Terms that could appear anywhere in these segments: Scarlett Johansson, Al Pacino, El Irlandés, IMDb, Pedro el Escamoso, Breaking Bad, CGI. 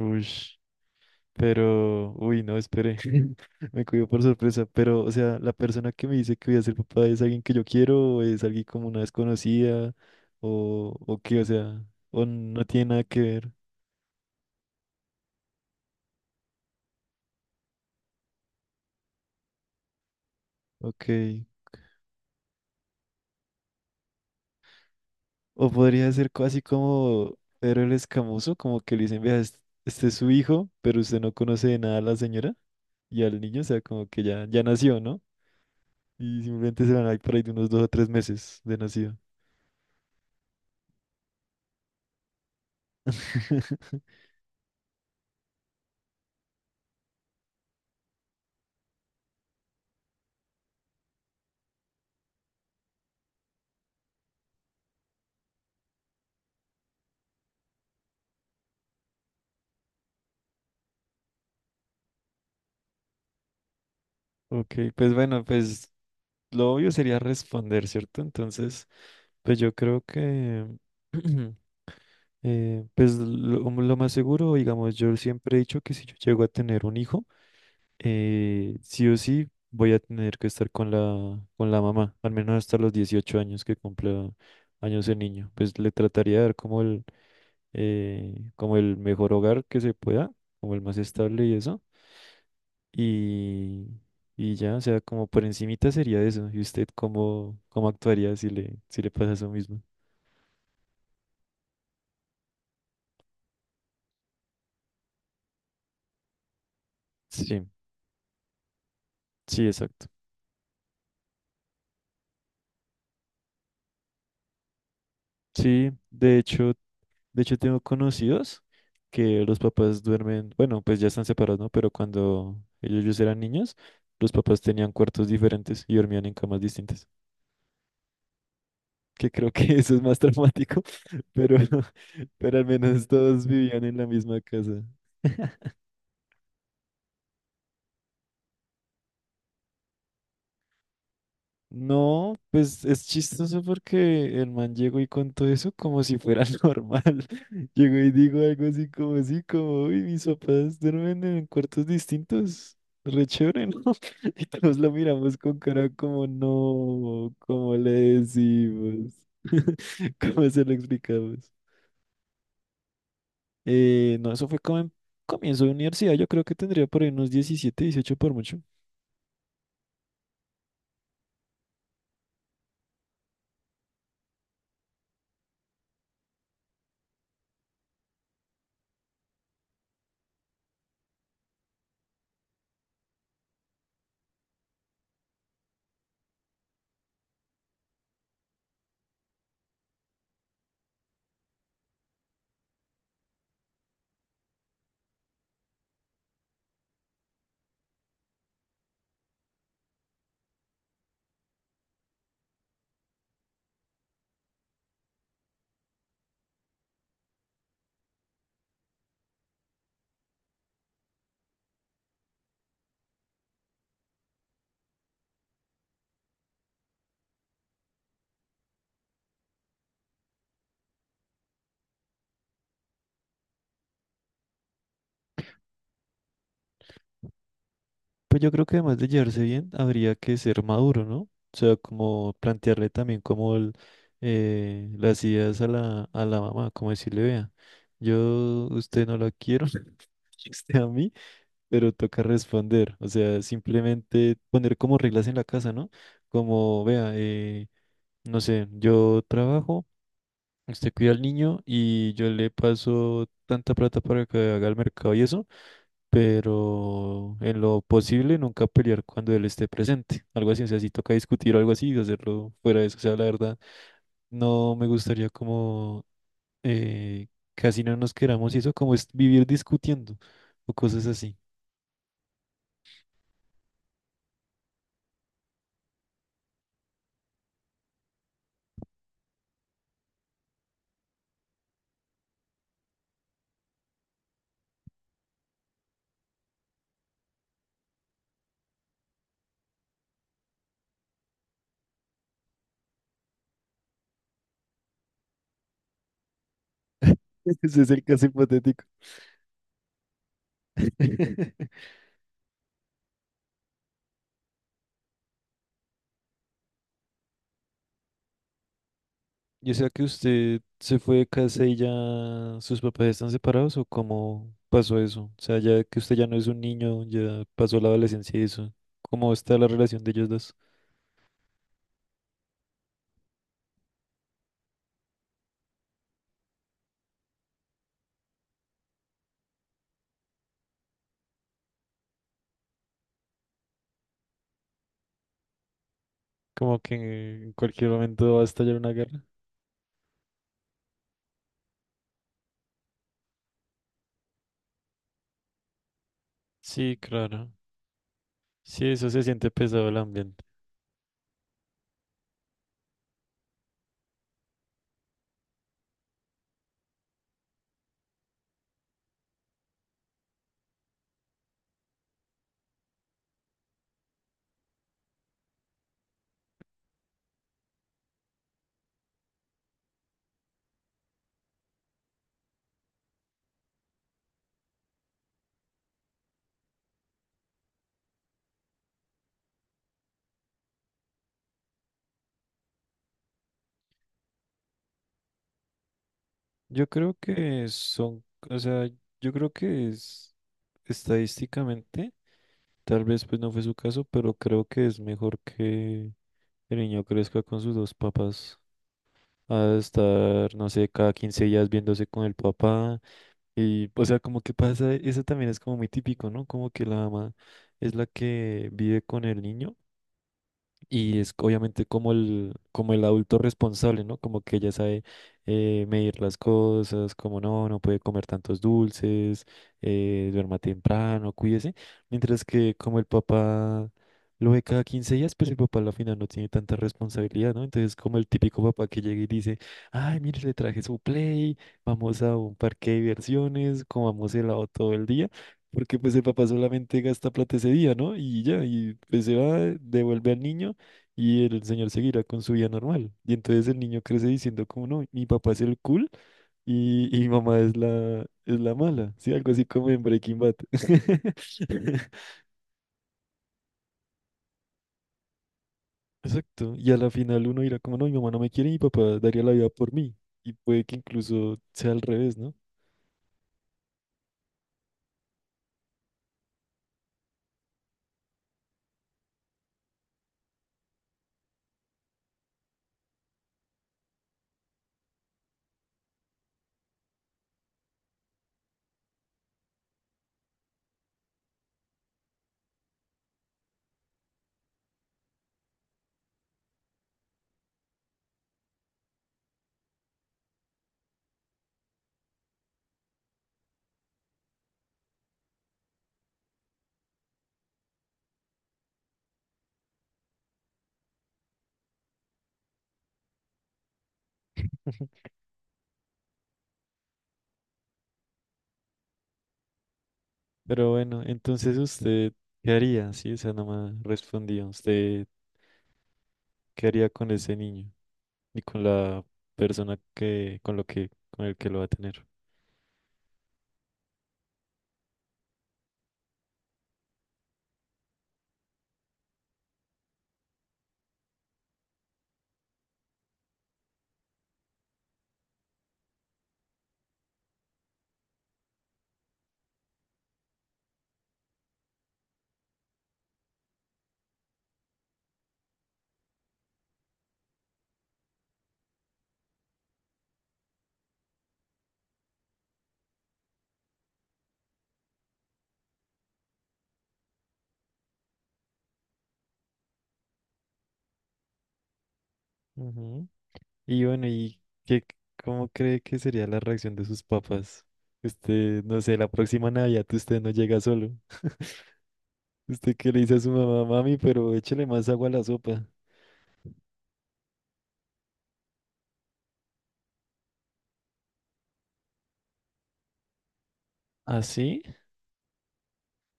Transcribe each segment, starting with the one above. Uy, pero, uy, no, espere, me cogió por sorpresa, pero, o sea, la persona que me dice que voy a ser papá es alguien que yo quiero, o es alguien como una desconocida, o qué, o sea, o no tiene nada que ver, ok, o podría ser casi como Pedro el Escamoso, como que le dicen, vea, este es su hijo, pero usted no conoce de nada a la señora y al niño, o sea, como que ya, ya nació, ¿no? Y simplemente se van a ir por ahí de unos 2 o 3 meses de nacido. Ok, pues bueno, pues lo obvio sería responder, ¿cierto? Entonces, pues yo creo que, pues lo más seguro, digamos, yo siempre he dicho que si yo llego a tener un hijo, sí o sí voy a tener que estar con la mamá, al menos hasta los 18 años que cumpla años de niño. Pues le trataría de dar como el mejor hogar que se pueda, como el más estable y eso. Y, y ya, o sea, como por encimita sería eso. ¿Y usted cómo, cómo actuaría si le pasa eso mismo? Sí, sí, exacto. Sí, de hecho tengo conocidos que los papás duermen, bueno, pues ya están separados, ¿no? Pero cuando ellos eran niños, los papás tenían cuartos diferentes y dormían en camas distintas. Que creo que eso es más traumático, pero, pero al menos todos vivían en la misma casa. No, pues es chistoso porque el man llegó y contó eso como si fuera normal. Llegó y dijo algo así, como, uy, mis papás duermen en cuartos distintos. Re chévere, ¿no? Y todos lo miramos con cara como, no, ¿cómo le decimos? ¿Cómo se lo explicamos? No, eso fue como en comienzo de universidad. Yo creo que tendría por ahí unos 17, 18 por mucho. Pues yo creo que además de llevarse bien, habría que ser maduro, ¿no? O sea, como plantearle también como las ideas a la mamá, como decirle, vea, yo usted no la quiero, usted a mí, pero toca responder. O sea, simplemente poner como reglas en la casa, ¿no? Como, vea, no sé, yo trabajo, usted cuida al niño y yo le paso tanta plata para que haga el mercado y eso pero en lo posible nunca pelear cuando él esté presente. Algo así, o sea, si toca discutir o algo así, hacerlo fuera de eso. O sea, la verdad, no me gustaría como eh, casi no nos queramos y eso, como es vivir discutiendo o cosas así. Ese es el caso hipotético. Yo sea que usted se fue de casa y ya sus papás están separados o cómo pasó eso. O sea, ya que usted ya no es un niño, ya pasó la adolescencia y eso. ¿Cómo está la relación de ellos dos? Como que en cualquier momento va a estallar una guerra. Sí, claro. Sí, eso se siente pesado el ambiente. Yo creo que son, o sea, yo creo que es estadísticamente, tal vez pues no fue su caso, pero creo que es mejor que el niño crezca con sus dos papás. A estar, no sé, cada 15 días viéndose con el papá. Y, o sea, como que pasa, eso también es como muy típico, ¿no? Como que la mamá es la que vive con el niño. Y es obviamente como el adulto responsable, ¿no? Como que ya sabe medir las cosas, como no, no puede comer tantos dulces, duerma temprano, cuídese. Mientras que como el papá lo ve cada 15 días, pues el papá a la final no tiene tanta responsabilidad, ¿no? Entonces como el típico papá que llega y dice, ay, mire, le traje su play, vamos a un parque de diversiones, comamos helado todo el día. Porque pues el papá solamente gasta plata ese día, ¿no? Y ya, y pues se va, devuelve al niño y el señor seguirá con su vida normal. Y entonces el niño crece diciendo como no, mi papá es el cool y mi mamá es la mala, ¿sí? Algo así como en Breaking Bad. Exacto. Y a la final uno dirá como no, mi mamá no me quiere y mi papá daría la vida por mí. Y puede que incluso sea al revés, ¿no? Pero bueno, entonces usted, ¿qué haría? Sí, esa no me respondía. ¿Usted qué haría con ese niño y con la persona que, con lo que, con el que lo va a tener? Ujú. Y bueno, ¿y qué, cómo cree que sería la reacción de sus papás? Usted, no sé, la próxima Navidad usted no llega solo. ¿Usted qué le dice a su mamá, mami, pero échale más agua a la sopa? ¿Ah, sí?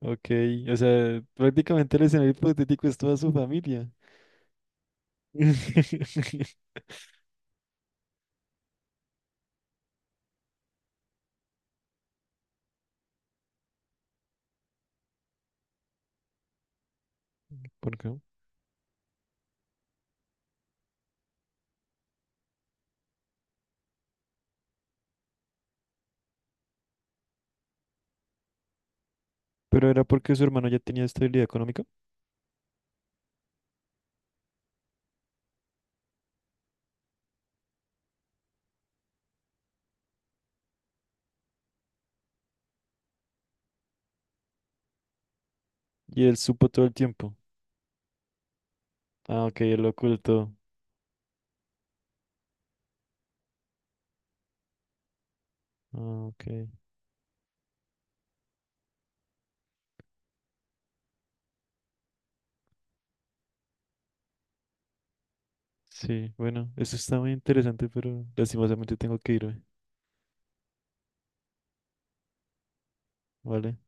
Ok, o sea, prácticamente el escenario hipotético es toda su familia. ¿Por qué? Pero era porque su hermano ya tenía estabilidad económica y él supo todo el tiempo. Ah, ok, él lo ocultó. Ah, ok. Sí, bueno, eso está muy interesante, pero lastimosamente tengo que irme, ¿vale?